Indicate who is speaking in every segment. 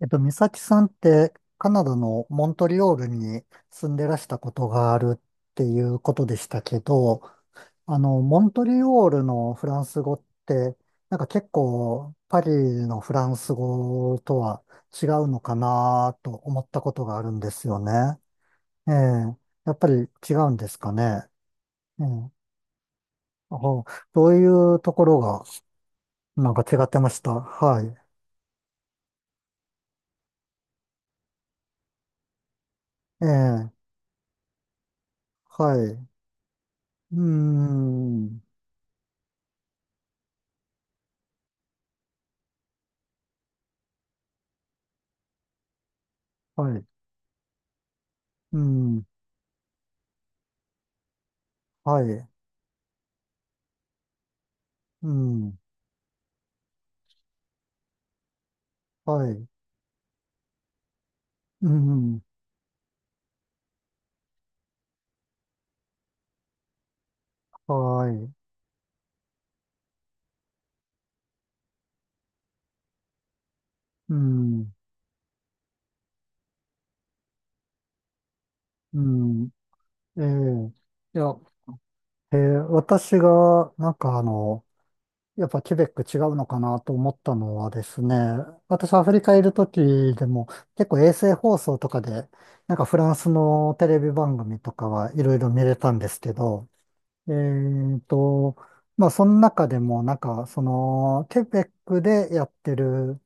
Speaker 1: 美咲さんってカナダのモントリオールに住んでらしたことがあるっていうことでしたけど、モントリオールのフランス語って、なんか結構パリのフランス語とは違うのかなと思ったことがあるんですよね。ええ、やっぱり違うんですかね。ええ、あどういうところがなんか違ってました。はい。ええ、はい。うーん、はい。うん。はい。うん。はい。うん。はい。うん。うん。ええ。いや、ええ、私が、なんかやっぱケベック違うのかなと思ったのはですね、私アフリカいる時でも結構衛星放送とかで、なんかフランスのテレビ番組とかはいろいろ見れたんですけど、ええと、まあその中でもなんかそのケベックでやってる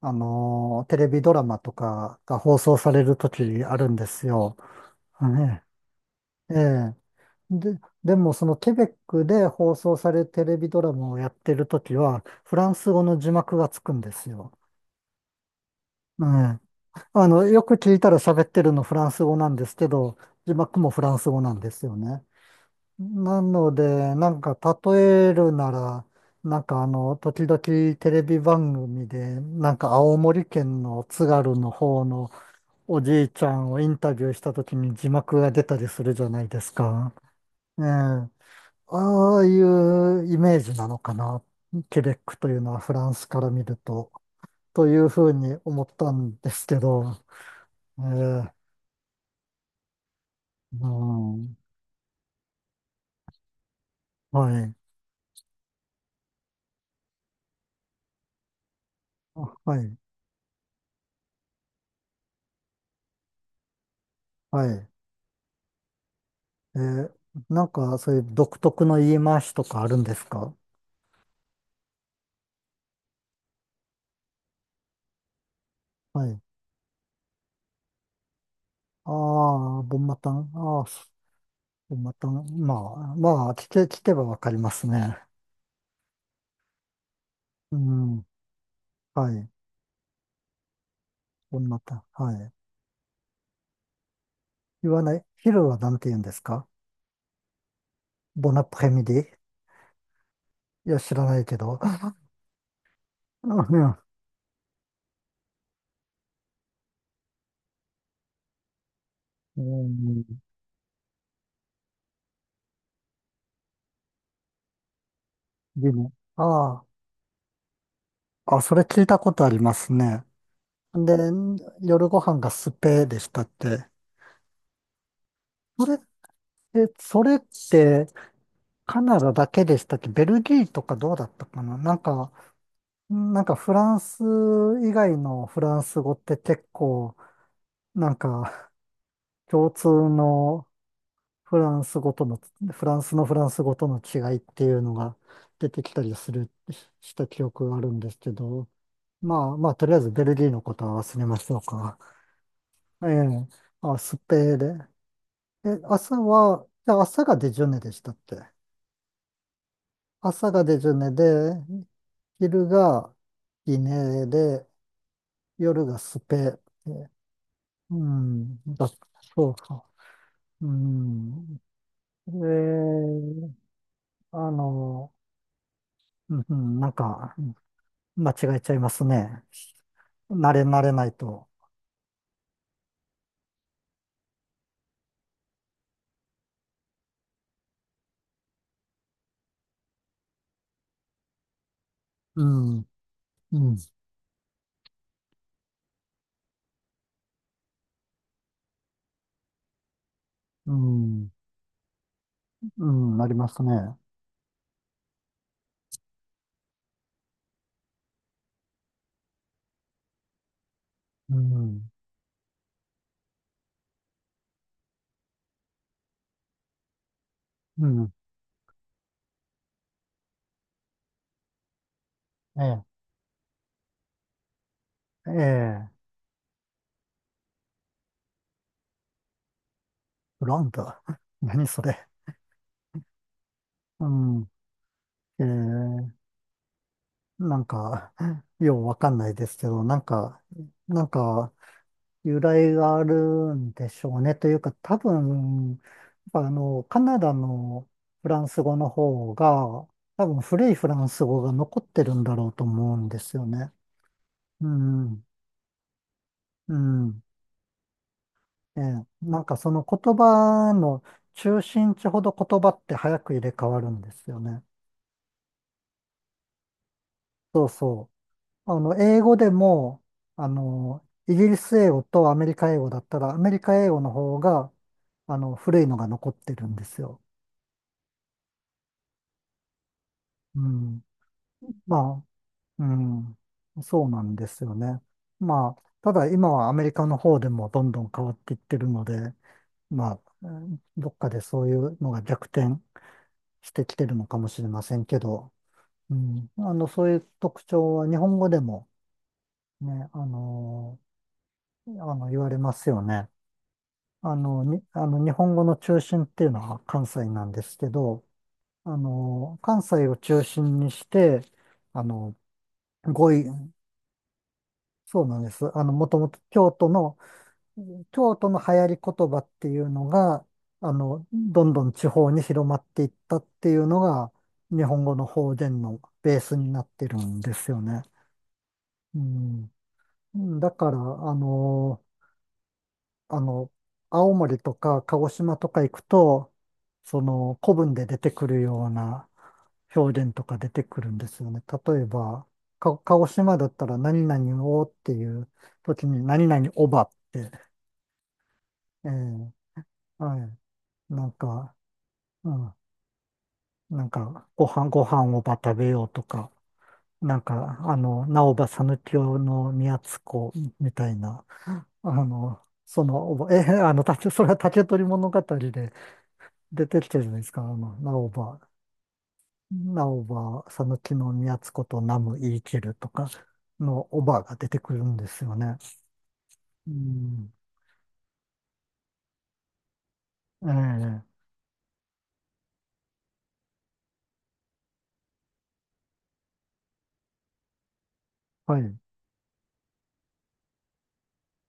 Speaker 1: テレビドラマとかが放送されるときあるんですよ。ね、ええ。でもそのケベックで放送されるテレビドラマをやってるときは、フランス語の字幕がつくんですよ。ええ。あの、よく聞いたら喋ってるのフランス語なんですけど、字幕もフランス語なんですよね。なので、なんか例えるなら、なんか時々テレビ番組で、なんか青森県の津軽の方のおじいちゃんをインタビューした時に字幕が出たりするじゃないですか。ええ、ああいうイメージなのかな。ケベックというのはフランスから見ると、というふうに思ったんですけど、ええ、うん、はい、あはい、はい。ええ、なんかそういう独特の言い回しとかあるんですか？はい。ああ、ボンマタン、ああ、ボンマタン、まあ、まあ、聞けばわかりますね。うん、はい。ボンナタはい。言わない。昼は何て言うんですか？ボナプレミディ、いや、知らないけど。うん、うんでも、ああ、あ、それ聞いたことありますね。で、夜ご飯がスペでしたって。それっそれって、カナダだけでしたっけ？ベルギーとかどうだったかな、なんか、なんかフランス以外のフランス語って結構、なんか共通のフランス語との、フランスのフランス語との違いっていうのが出てきたりする、しした記憶があるんですけど、まあまあ、とりあえずベルギーのことは忘れましょうか。ええ、あ、スペーで。え、朝は、じゃ朝がデジュネでしたっけ？朝がデジュネで、昼がギネで、夜がスペー。うん、だ、そうか。うん。えー、あの、うん、うんなんか、間違えちゃいますね。慣れないと。うん、うん、うん、うん、なりますね。うん、うん、ええ、ええ、ブランド。何それ。うん、ええ、なんか、ようわかんないですけど、なんか、なんか、由来があるんでしょうね。というか、多分、やっぱカナダのフランス語の方が、多分古いフランス語が残ってるんだろうと思うんですよね。うん、うん。ええ、なんかその言葉の中心地ほど言葉って早く入れ替わるんですよね。そうそう。あの、英語でも、イギリス英語とアメリカ英語だったら、アメリカ英語の方が、古いのが残ってるんですよ。うん。まあ、うん。そうなんですよね。まあ、ただ今はアメリカの方でもどんどん変わっていってるので、まあ、うんどっかでそういうのが逆転してきてるのかもしれませんけど、うん、そういう特徴は日本語でもね、言われますよね。あの、に、あの日本語の中心っていうのは関西なんですけど、関西を中心にして、あの、語彙、そうなんです。あの、もともと京都の流行り言葉っていうのが、どんどん地方に広まっていったっていうのが、日本語の方言のベースになってるんですよね。うん。だから、あの、青森とか鹿児島とか行くと、その古文で出てくるような表現とか出てくるんですよね。例えば、鹿児島だったら何々をっていう時に何々おばって、えーはい。なんか、うん。なんか、ご飯、ご飯おば食べようとか、なんか、なおばさぬきよの宮津子みたいな。え、あの、竹それは竹取物語で出てきてるじゃないですか。直ば、佐野木の岐宮津ことナム言い切るとかのおばが出てくるんですよね。うん。ええ、はい、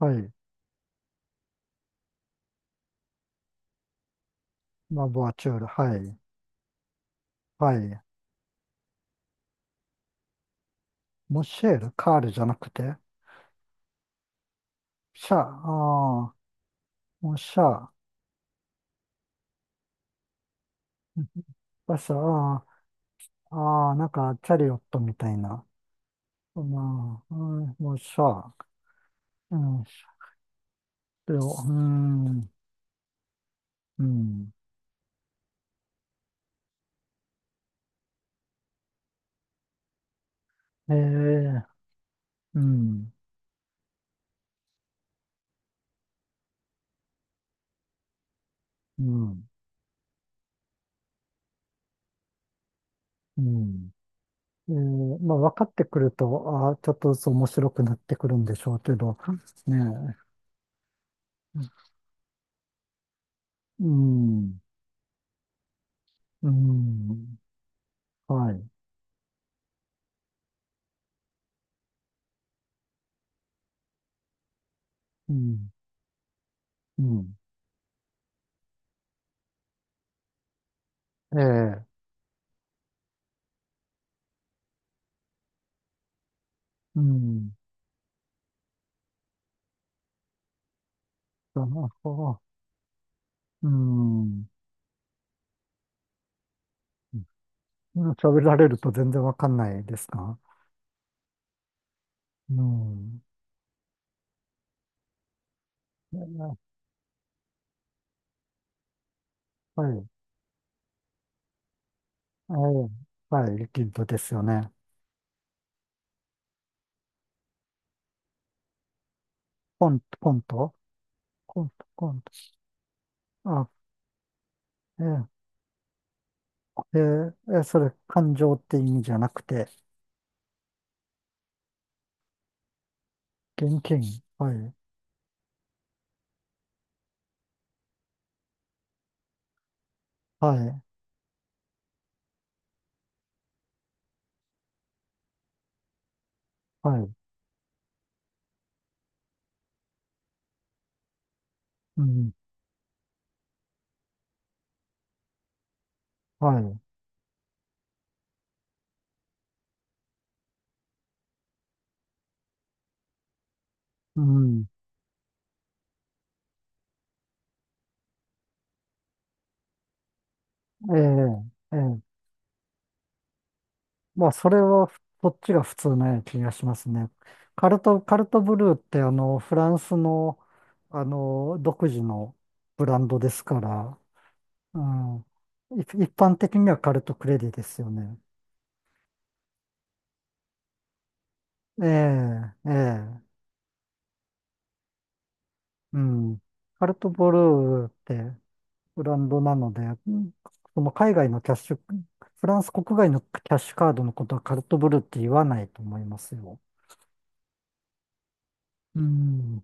Speaker 1: はい。マボアチュール、はい、はい。モシェール、カールじゃなくて、シャ、ああ、モシャ、バシャ、ああ、ああ、なんか、チャリオットみたいな。まあ、うん、もうさ、うんでもうーん、うん、ええ、うん、うん、うん。ええ、まあ、分かってくると、ああ、ちょっとずつ面白くなってくるんでしょうけど、ねえ、うん、うん、はい、うん、うん、ええ、うん、だな、ああ、うん、喋られると全然分かんないですか？うん、ええ、はい、ええ、はい、リキッドですよね。コント、コント、コント、コント。あ、ええ、ええ、それ、感情って意味じゃなくて、現金。はい、はい、はい、うん、はい、うん、ええ、ええ。まあ、それは、そっちが普通な気がしますね。カルトブルーって、あの、フランスの、あの、独自のブランドですから、うん、一般的にはカルトクレディですよね。ええ、ええ、うん。カルトブルーって、ブランドなので、その海外のキャッシュ、フランス国外のキャッシュカードのことはカルトブルーって言わないと思いますよ。うん。